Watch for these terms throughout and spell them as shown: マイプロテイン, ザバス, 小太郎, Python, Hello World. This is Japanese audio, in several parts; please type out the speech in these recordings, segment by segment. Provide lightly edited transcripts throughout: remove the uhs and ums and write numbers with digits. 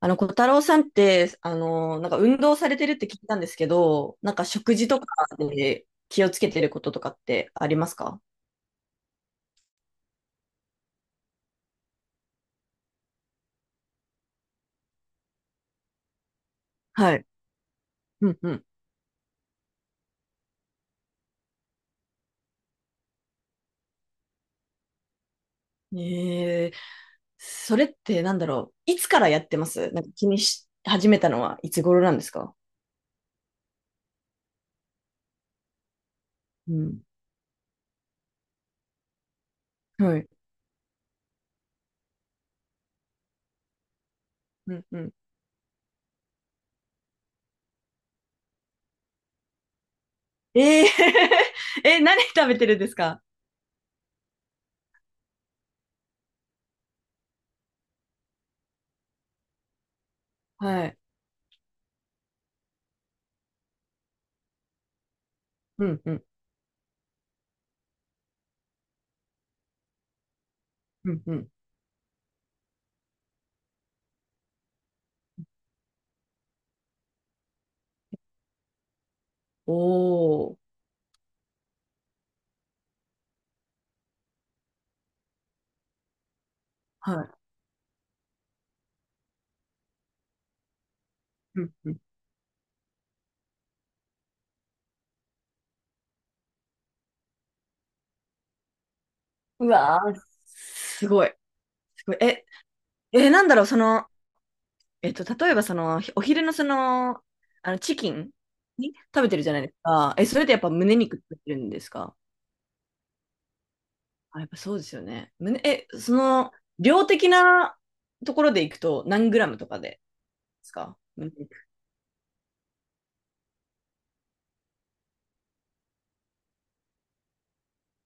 小太郎さんって、なんか運動されてるって聞いたんですけど、なんか食事とかで気をつけてることとかってありますか？はい。うんうん。それってなんだろう。いつからやってますなんか気にし始めたのはいつ頃なんですか？うん。はい。うんうん。えー、え、何食べてるんですか？はい。うんうん。うんうん。おー。はい。うんうん。うわー、すごい。すごい。え、なんだろう、その、例えばその、お昼のその、あの、チキンに食べてるじゃないですか。え、それってやっぱ胸肉食べてるんですか？あ、やっぱそうですよね。胸、え、その、量的なところでいくと何グラムとかですか、胸肉？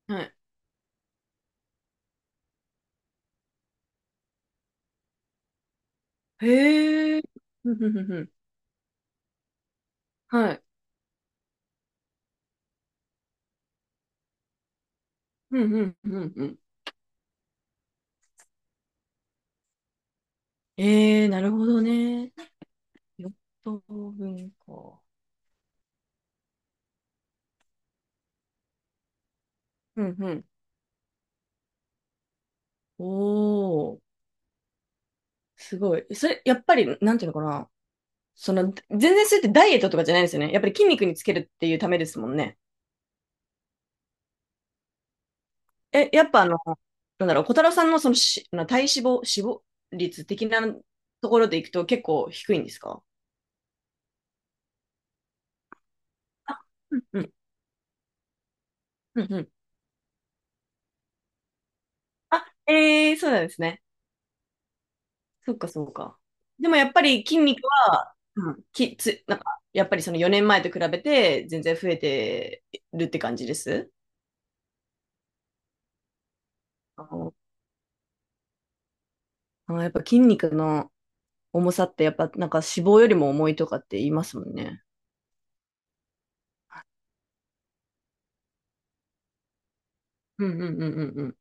はい。へえ。ふんふんふんふん、はい。ふんふんふんふん。ええ、なるほどね。4等分か。うんうん。おー、すごい。それ、やっぱり、なんていうのかな。その、全然それってダイエットとかじゃないですよね。やっぱり筋肉につけるっていうためですもんね。え、やっぱあの、なんだろう、小太郎さんのそのし、あの体脂肪、脂肪率的なところでいくと結構低いんですか？うんうん、うんうん。あ、ええーそうなんですね。そっかそっか。でもやっぱり筋肉は、うんきつ、なんか、やっぱりその4年前と比べて全然増えてるって感じです？あのあやっぱ筋肉の重さってやっぱなんか脂肪よりも重いとかって言いますもんね。うんうんうんうん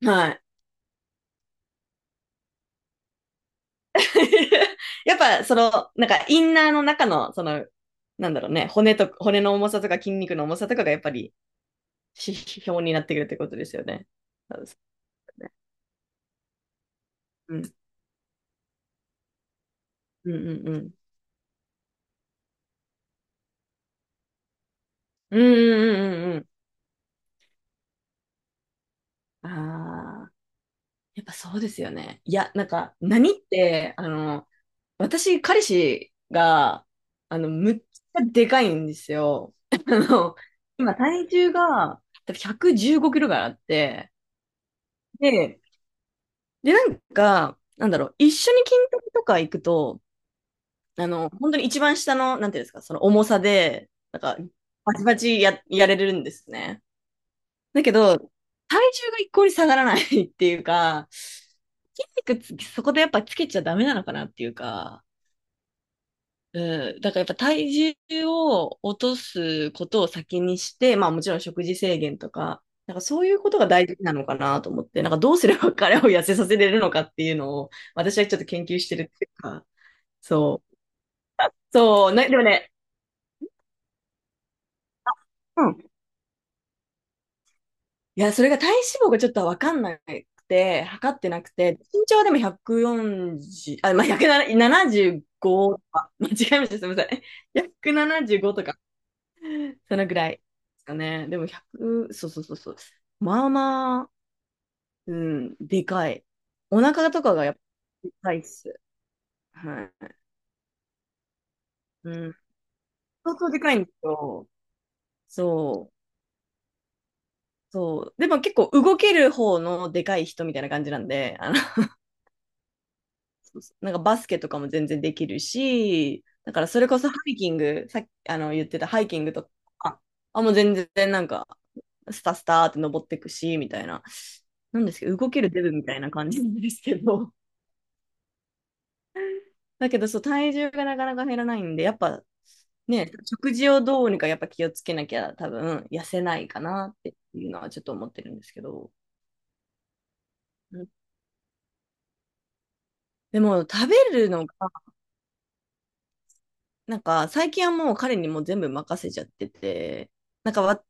うん。はい。やっぱ、その、なんか、インナーの中の、その、なんだろうね、骨と、骨の重さとか筋肉の重さとかがやっぱり指標になってくるってことですよね。うん。うんうんうん。うんうんうんうん。ああ、やっぱそうですよね。いや、なんか、何って、あの、私、彼氏が、あの、むっちゃでかいんですよ。あの、今、体重が、多分115キロぐらいあって、で、で、なんか、なんだろう、一緒に筋トレとか行くと、あの、本当に一番下の、なんていうんですか、その重さで、なんか、バチバチやれるんですね。だけど、体重が一向に下がらない っていうか、筋肉つそこでやっぱつけちゃダメなのかなっていうか、うん、だからやっぱ体重を落とすことを先にして、まあもちろん食事制限とか、なんかそういうことが大事なのかなと思って、なんかどうすれば 彼を痩せさせれるのかっていうのを私はちょっと研究してるっていうか、そう。そう、ね、でもね、うん。いや、それが体脂肪がちょっとわかんなくて、測ってなくて、身長はでも140、あ、まあ、175とか、間違えました、すみません。175とかそのぐらいですかね。でも100、そうそうそうそう。まあまあ、うん、でかい。お腹とかがやっぱでかいっす。はい。うん。相当でかいんですよ。そう。そう。でも結構動ける方のでかい人みたいな感じなんで、あの、そうそうなんかバスケとかも全然できるし、だからそれこそハイキング、さっきあの言ってたハイキングとか、あ、もう全然なんか、スタスタって登ってくし、みたいな。なんですけど、動けるデブみたいな感じなんですけど。だけど、そう、体重がなかなか減らないんで、やっぱ、ね、食事をどうにかやっぱ気をつけなきゃ多分痩せないかなっていうのはちょっと思ってるんですけど。うん、でも食べるのがなんか、最近はもう彼にもう全部任せちゃってて、なんか私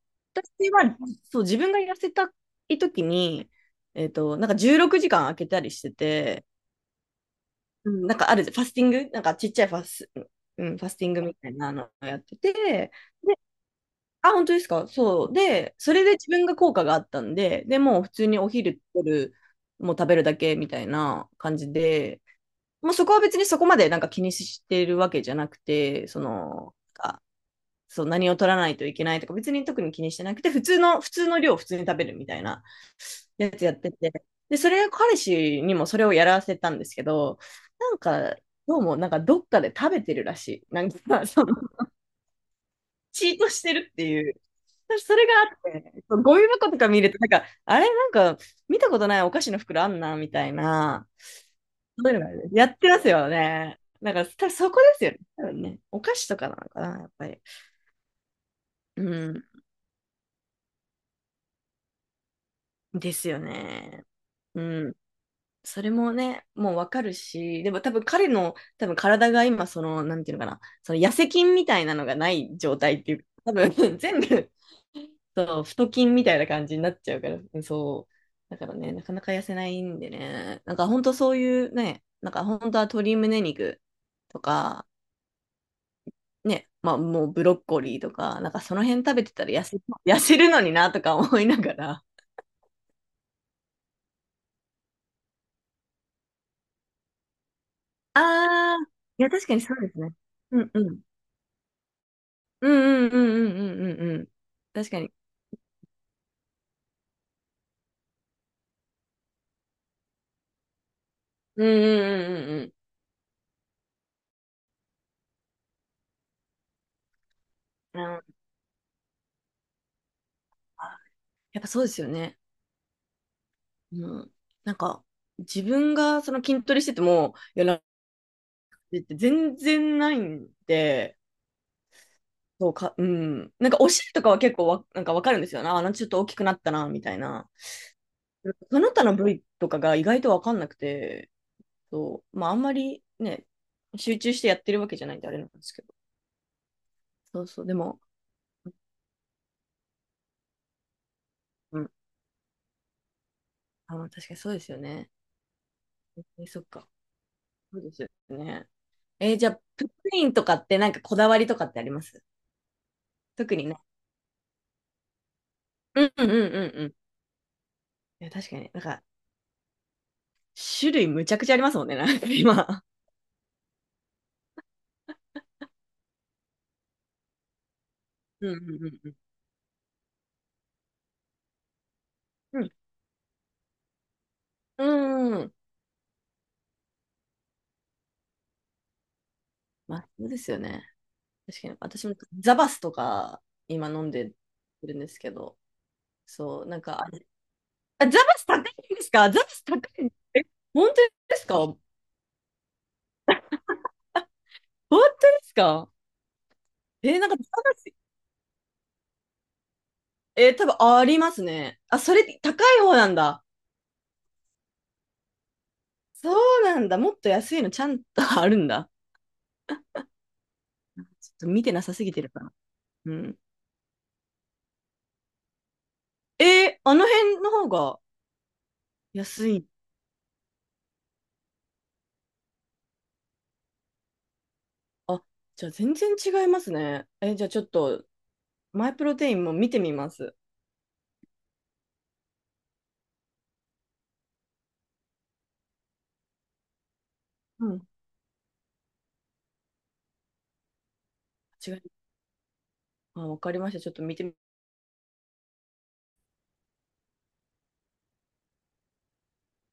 は、そう、自分が痩せたい時に、なんか16時間空けたりしてて、うんなんかある、ファスティング、なんかちっちゃいファス、うん、ファスティングみたいなのをやってて、で、あ、本当ですか？そう。で、それで自分が効果があったんで、で、もう普通にお昼取る、もう食べるだけみたいな感じで、もうそこは別にそこまでなんか気にしてるわけじゃなくて、その、あ、そう、何を取らないといけないとか、別に特に気にしてなくて、普通の量を普通に食べるみたいなやつやってて、で、それ、彼氏にもそれをやらせたんですけど、なんか、どうも、なんかどっかで食べてるらしい。なんか、その、チートしてるっていう。それがあって、ゴミ箱とか見ると、なんか、あれなんか、見たことないお菓子の袋あんな、みたいな。そういうのがやってますよね。なんか、多分そこですよね。多分ね。お菓子とかなのかな、やっぱり。うん。ですよね。うん。それもね、もうわかるし、でも多分彼の多分体が今、その、なんていうのかな、その痩せ筋みたいなのがない状態っていう、多分 全部、そう、太筋みたいな感じになっちゃうから、うん、そう。だからね、なかなか痩せないんでね、なんか本当そういうね、なんか本当は鶏胸肉とか、ね、まあもうブロッコリーとか、なんかその辺食べてたら痩せ、痩せるのになとか思いながら。ああ、いや確かにそうですね。うんうん。うんうんうんうんうんうんうん。確かに。うんうんうんうんうん。うん、やっぱそうですよね。うん。なんか、自分がその筋トレしてても、いや、ラジって全然ないんで、そうか、うん。なんかお尻とかは結構なんかわかるんですよな。あ、なんかちょっと大きくなったな、みたいな。その他の部位とかが意外とわかんなくて、そう。まあ、あんまりね、集中してやってるわけじゃないんであれなんですけど。そうそう。でも、うん。あ、確かにそうですよね。え、そっか。そうですよね。じゃあ、プップインとかってなんかこだわりとかってあります？特にね。うんうんうんうんうん。いや、確かに。なんか、種類むちゃくちゃありますもんね、なんか今。うんうんうんうん。うん。うん。まあ、そうですよね。確かに。私もザバスとか、今飲んでるんですけど。そう、なんか、あ、ザバス高いんですか？ザバス高いんえ、本当ですか？本当ですか？なんかザバス、多分ありますね。あ、それ高い方なんだ。そうなんだ。もっと安いのちゃんとあるんだ。ちょっと見てなさすぎてるかな。うん。えあの辺の方が安い。あ、じゃあ全然違いますね。え、じゃあちょっと、マイプロテインも見てみます。うん。違い、あ、わかりました。ちょっと見て